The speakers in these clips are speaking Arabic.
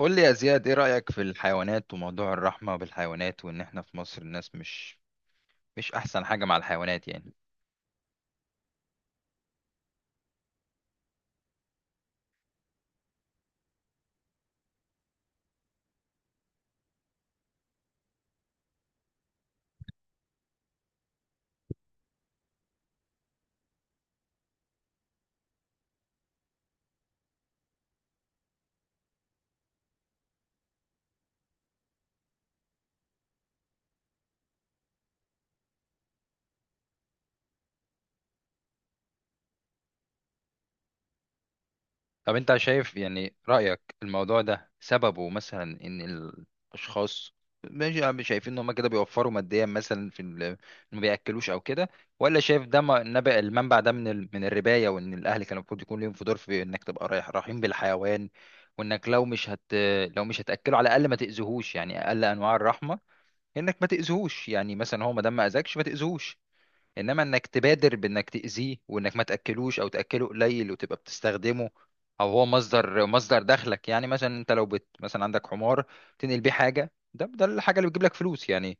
قول لي يا زياد، ايه رأيك في الحيوانات وموضوع الرحمة بالحيوانات، وان احنا في مصر الناس مش احسن حاجة مع الحيوانات يعني؟ طب انت شايف يعني، رأيك الموضوع ده سببه مثلا ان الاشخاص ماشي عم شايفين ان هم كده بيوفروا ماديا مثلا إن ما بياكلوش او كده، ولا شايف ده م- نبع المنبع ده من من الرباية، وان الاهل كان المفروض يكون ليهم في دور في انك تبقى رايح رحيم بالحيوان؟ وانك لو مش هتاكله على الاقل ما تاذيهوش، يعني اقل انواع الرحمة انك ما تاذوش، يعني مثلا هو ما دام ما اذاكش ما تاذوش، انما انك تبادر بانك تاذيه وانك ما تاكلوش او تاكله قليل وتبقى بتستخدمه، او هو مصدر دخلك. يعني مثلا انت لو بت مثلا عندك حمار تنقل بيه حاجه، ده الحاجه اللي بتجيب لك فلوس يعني.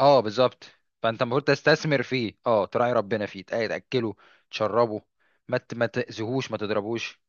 اه بالظبط، فانت المفروض تستثمر فيه، تراعي ربنا فيه، تاكله، تشربه، ما تاذيهوش، ما تضربوش.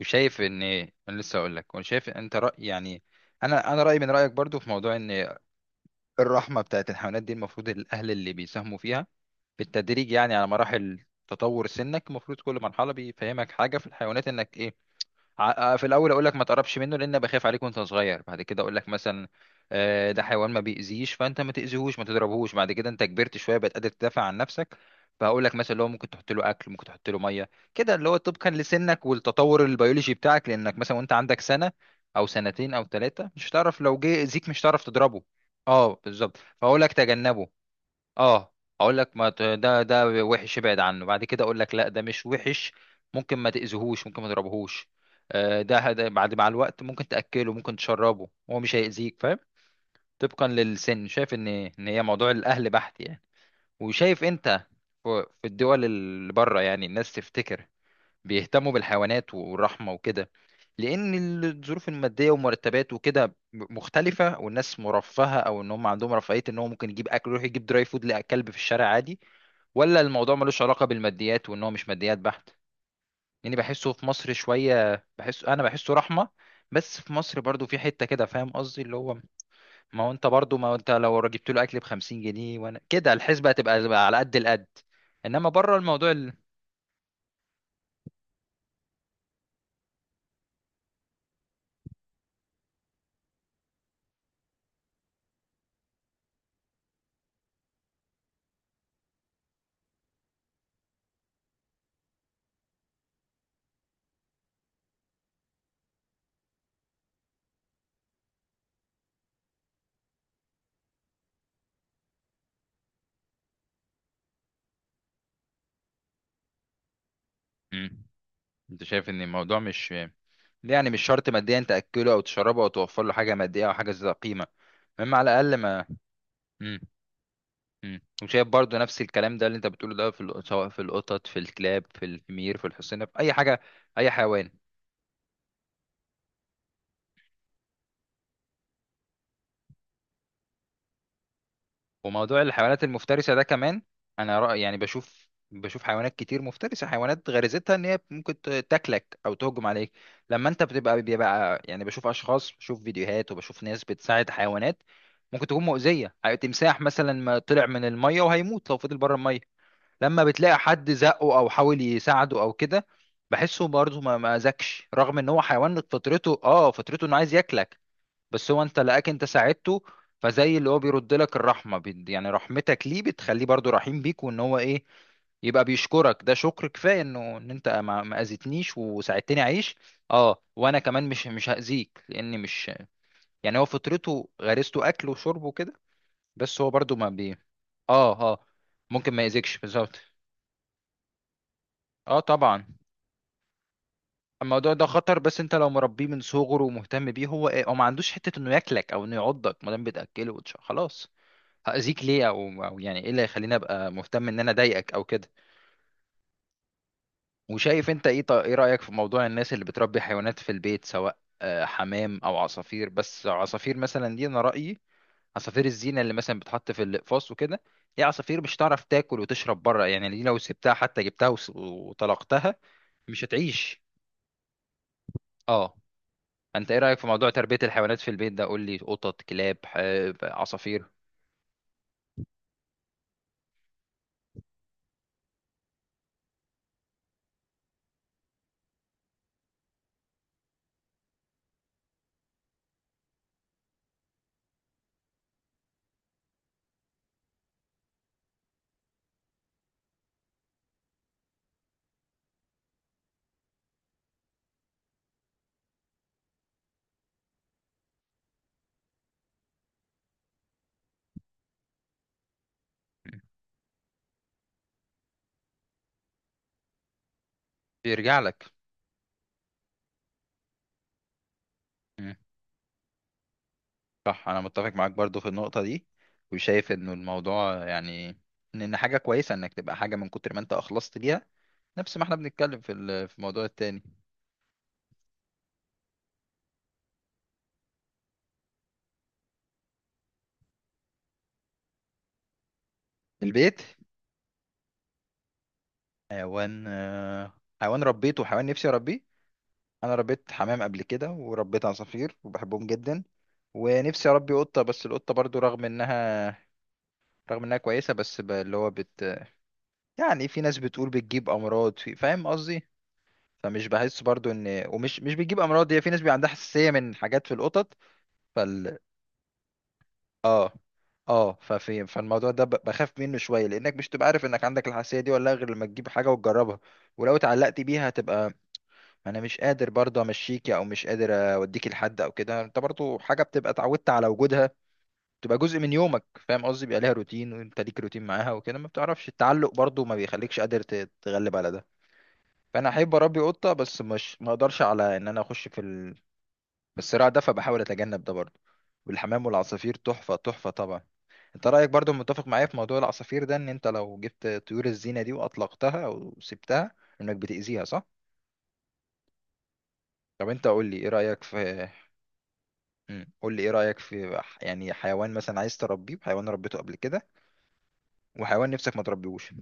وشايف ان انا لسه اقول لك، وانا شايف انت رأي يعني. انا رايي من رايك برضو في موضوع ان الرحمة بتاعت الحيوانات دي، المفروض الأهل اللي بيساهموا فيها بالتدريج، يعني على مراحل تطور سنك. المفروض كل مرحلة بيفهمك حاجة في الحيوانات إنك إيه، في الاول اقول لك ما تقربش منه، لان أنا بخاف عليك وانت صغير. بعد كده اقول لك مثلا ده حيوان ما بيأذيش، فانت ما تأذيهوش ما تضربهوش. بعد كده انت كبرت شويه، بقت قادر تدافع عن نفسك، فهقول لك مثلا لو ممكن تحط له اكل ممكن تحط له ميه، كده اللي هو طبقا لسنك والتطور البيولوجي بتاعك، لانك مثلا وانت عندك سنه او سنتين او 3 مش هتعرف لو جه اذيك، مش هتعرف تضربه. اه بالظبط، فاقول لك تجنبه. اه اقول لك ما ت- ده ده وحش، ابعد عنه. بعد كده اقول لك لا ده مش وحش، ممكن ما تاذيهوش ممكن ما تضربهوش. بعد مع الوقت ممكن تاكله ممكن تشربه، هو مش هيأذيك، فاهم؟ طبقا للسن، شايف ان هي موضوع الاهل بحت يعني. وشايف انت، في الدول اللي بره يعني، الناس تفتكر بيهتموا بالحيوانات والرحمة وكده لأن الظروف المادية والمرتبات وكده مختلفة، والناس مرفهة أو إن هم عندهم رفاهية إن هو ممكن يجيب أكل، يروح يجيب دراي فود لكلب في الشارع عادي؟ ولا الموضوع ملوش علاقة بالماديات وإن هو مش ماديات بحت؟ يعني بحسه في مصر شوية، أنا بحسه رحمة، بس في مصر برضو في حتة كده، فاهم قصدي، اللي هو ما هو أنت لو جبت له أكل بـ50 جنيه وأنا كده، الحسبة هتبقى على قد القد. إنما بره الموضوع مم. انت شايف ان الموضوع مش، يعني مش شرط ماديا تاكله او تشربه او توفر له حاجه ماديه او حاجه ذات قيمه، المهم على الاقل ما. مم. مم. وشايف برضو نفس الكلام ده اللي انت بتقوله ده سواء في القطط في الكلاب في الحمير في الحصينه في اي حاجه، اي حيوان. وموضوع الحيوانات المفترسة ده كمان، أنا رأي يعني، بشوف حيوانات كتير مفترسة، حيوانات غريزتها إن هي ممكن تاكلك أو تهجم عليك، لما أنت بيبقى يعني، بشوف أشخاص، بشوف فيديوهات، وبشوف ناس بتساعد حيوانات ممكن تكون مؤذية. تمساح مثلا ما طلع من المية وهيموت لو فضل بره المية، لما بتلاقي حد زقه أو حاول يساعده أو كده، بحسه برضه ما أذكش، رغم إن هو حيوان فطرته إنه عايز ياكلك، بس هو انت لقاك انت ساعدته، فزي اللي هو بيرد لك الرحمه، يعني رحمتك ليه بتخليه برضو رحيم بيك، وان هو ايه، يبقى بيشكرك. ده شكر كفايه ان انت ما اذيتنيش وساعدتني اعيش. اه، وانا كمان مش هاذيك، لاني مش، يعني هو فطرته غريزته اكل وشرب وكده، بس هو برضو ما بي، اه اه ممكن ما يأذيكش بالظبط. اه طبعا. الموضوع ده خطر، بس انت لو مربيه من صغره ومهتم بيه، هو ما عندوش حته انه ياكلك او انه يعضك، ما دام بتاكله خلاص. هأذيك ليه؟ او يعني ايه اللي هيخليني ابقى مهتم ان انا اضايقك او كده؟ وشايف انت ايه، ايه رأيك في موضوع الناس اللي بتربي حيوانات في البيت سواء حمام او عصافير، بس عصافير مثلا دي انا رأيي، عصافير الزينة اللي مثلا بتحط في الاقفاص وكده، دي عصافير مش هتعرف تاكل وتشرب بره يعني. دي لو سبتها، حتى جبتها وطلقتها، مش هتعيش. اه انت ايه رأيك في موضوع تربية الحيوانات في البيت ده؟ قول لي، قطط، كلاب، عصافير. بيرجع لك. صح، انا متفق معاك برضو في النقطة دي، وشايف انه الموضوع يعني إن حاجة كويسة انك تبقى حاجة من كتر ما انت اخلصت ليها، نفس ما احنا بنتكلم في الموضوع التاني. البيت، حيوان آه، حيوان ربيته وحيوان نفسي اربيه. انا ربيت حمام قبل كده وربيت عصافير وبحبهم جدا، ونفسي اربي قطة، بس القطة برضو رغم انها كويسة، بس اللي هو يعني، في ناس بتقول بتجيب امراض، فاهم قصدي. فمش بحس برضو ان، ومش مش بتجيب امراض، هي في ناس بيبقى عندها حساسيه من حاجات في القطط. فال اه اه ففي فالموضوع ده بخاف منه شويه، لانك مش تبقى عارف انك عندك الحساسيه دي ولا لأ، غير لما تجيب حاجه وتجربها. ولو اتعلقت بيها هتبقى، انا مش قادر برضه امشيكي او مش قادر اوديكي لحد او كده. انت برضه حاجه بتبقى اتعودت على وجودها، تبقى جزء من يومك فاهم قصدي، بيبقى ليها روتين وانت ليك روتين معاها وكده، ما بتعرفش التعلق برضه ما بيخليكش قادر تتغلب على ده. فانا احب اربي قطه، بس مش ما اقدرش على ان انا اخش في بالصراع ده، فبحاول اتجنب ده برضه. والحمام والعصافير تحفة تحفة طبعا. انت رأيك برضه متفق معايا في موضوع العصافير ده، ان انت لو جبت طيور الزينة دي واطلقتها او سبتها، انك بتأذيها، صح؟ طب انت قول لي ايه رأيك في. مم. قول لي ايه رأيك في، يعني حيوان مثلا عايز تربيه، وحيوان ربيته قبل كده، وحيوان نفسك ما تربيهوش.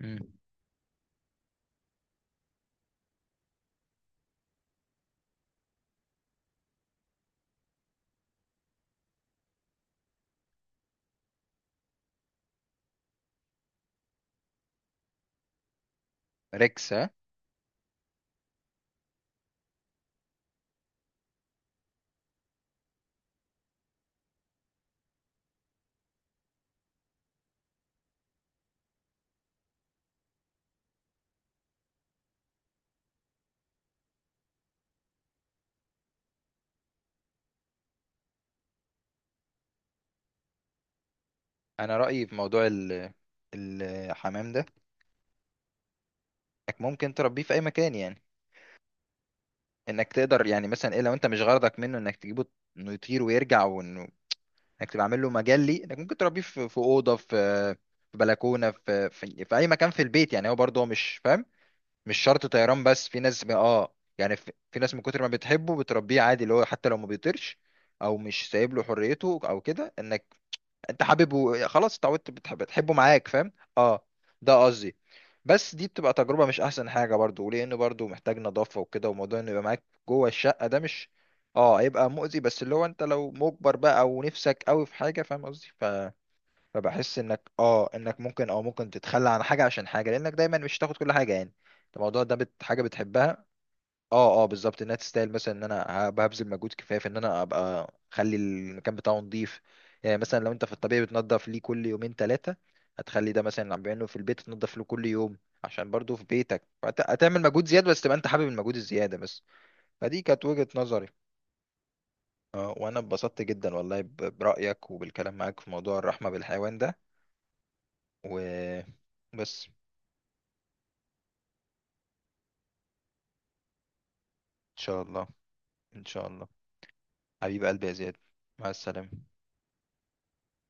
مم. ريكس، ها؟ انا رأيي في موضوع الحمام ده، انك ممكن تربيه في اي مكان يعني، انك تقدر يعني مثلا ايه، لو انت مش غرضك منه انك تجيبه انه يطير ويرجع، انك تبقى عامل له مجال ليه انك ممكن تربيه في في اوضه، في بلكونه، في اي مكان في البيت يعني. هو مش فاهم مش شرط طيران، بس في ناس يعني، في ناس من كتر ما بتحبه بتربيه عادي، اللي هو حتى لو ما بيطيرش او مش سايب له حريته او كده، انك انت حاببه خلاص اتعودت، بتحبه معاك فاهم. اه، ده قصدي. بس دي بتبقى تجربة مش احسن حاجة برضو، لان برضو محتاج نظافة وكده، وموضوع انه يبقى معاك جوه الشقة ده مش. اه هيبقى مؤذي، بس اللي هو انت لو مجبر بقى ونفسك قوي في حاجة فاهم قصدي، فبحس انك ممكن تتخلى عن حاجة عشان حاجة، لانك دايما مش هتاخد كل حاجة يعني. انت الموضوع ده حاجة بتحبها. اه، اه، بالظبط انها تستاهل، مثلا ان انا ببذل مجهود كفايه في ان انا ابقى اخلي المكان بتاعه نظيف. يعني مثلا لو انت في الطبيعي بتنضف ليه كل يومين 3، هتخلي ده مثلا اللي عم بيعمله في البيت، تنضف له كل يوم عشان برضه في بيتك، هتعمل مجهود زياده، بس تبقى انت حابب المجهود الزياده بس. فدي كانت وجهه نظري. اه، وانا اتبسطت جدا والله برايك وبالكلام معاك في موضوع الرحمه بالحيوان ده. وبس. ان شاء الله. ان شاء الله. حبيب قلبي يا زياد، مع السلامه.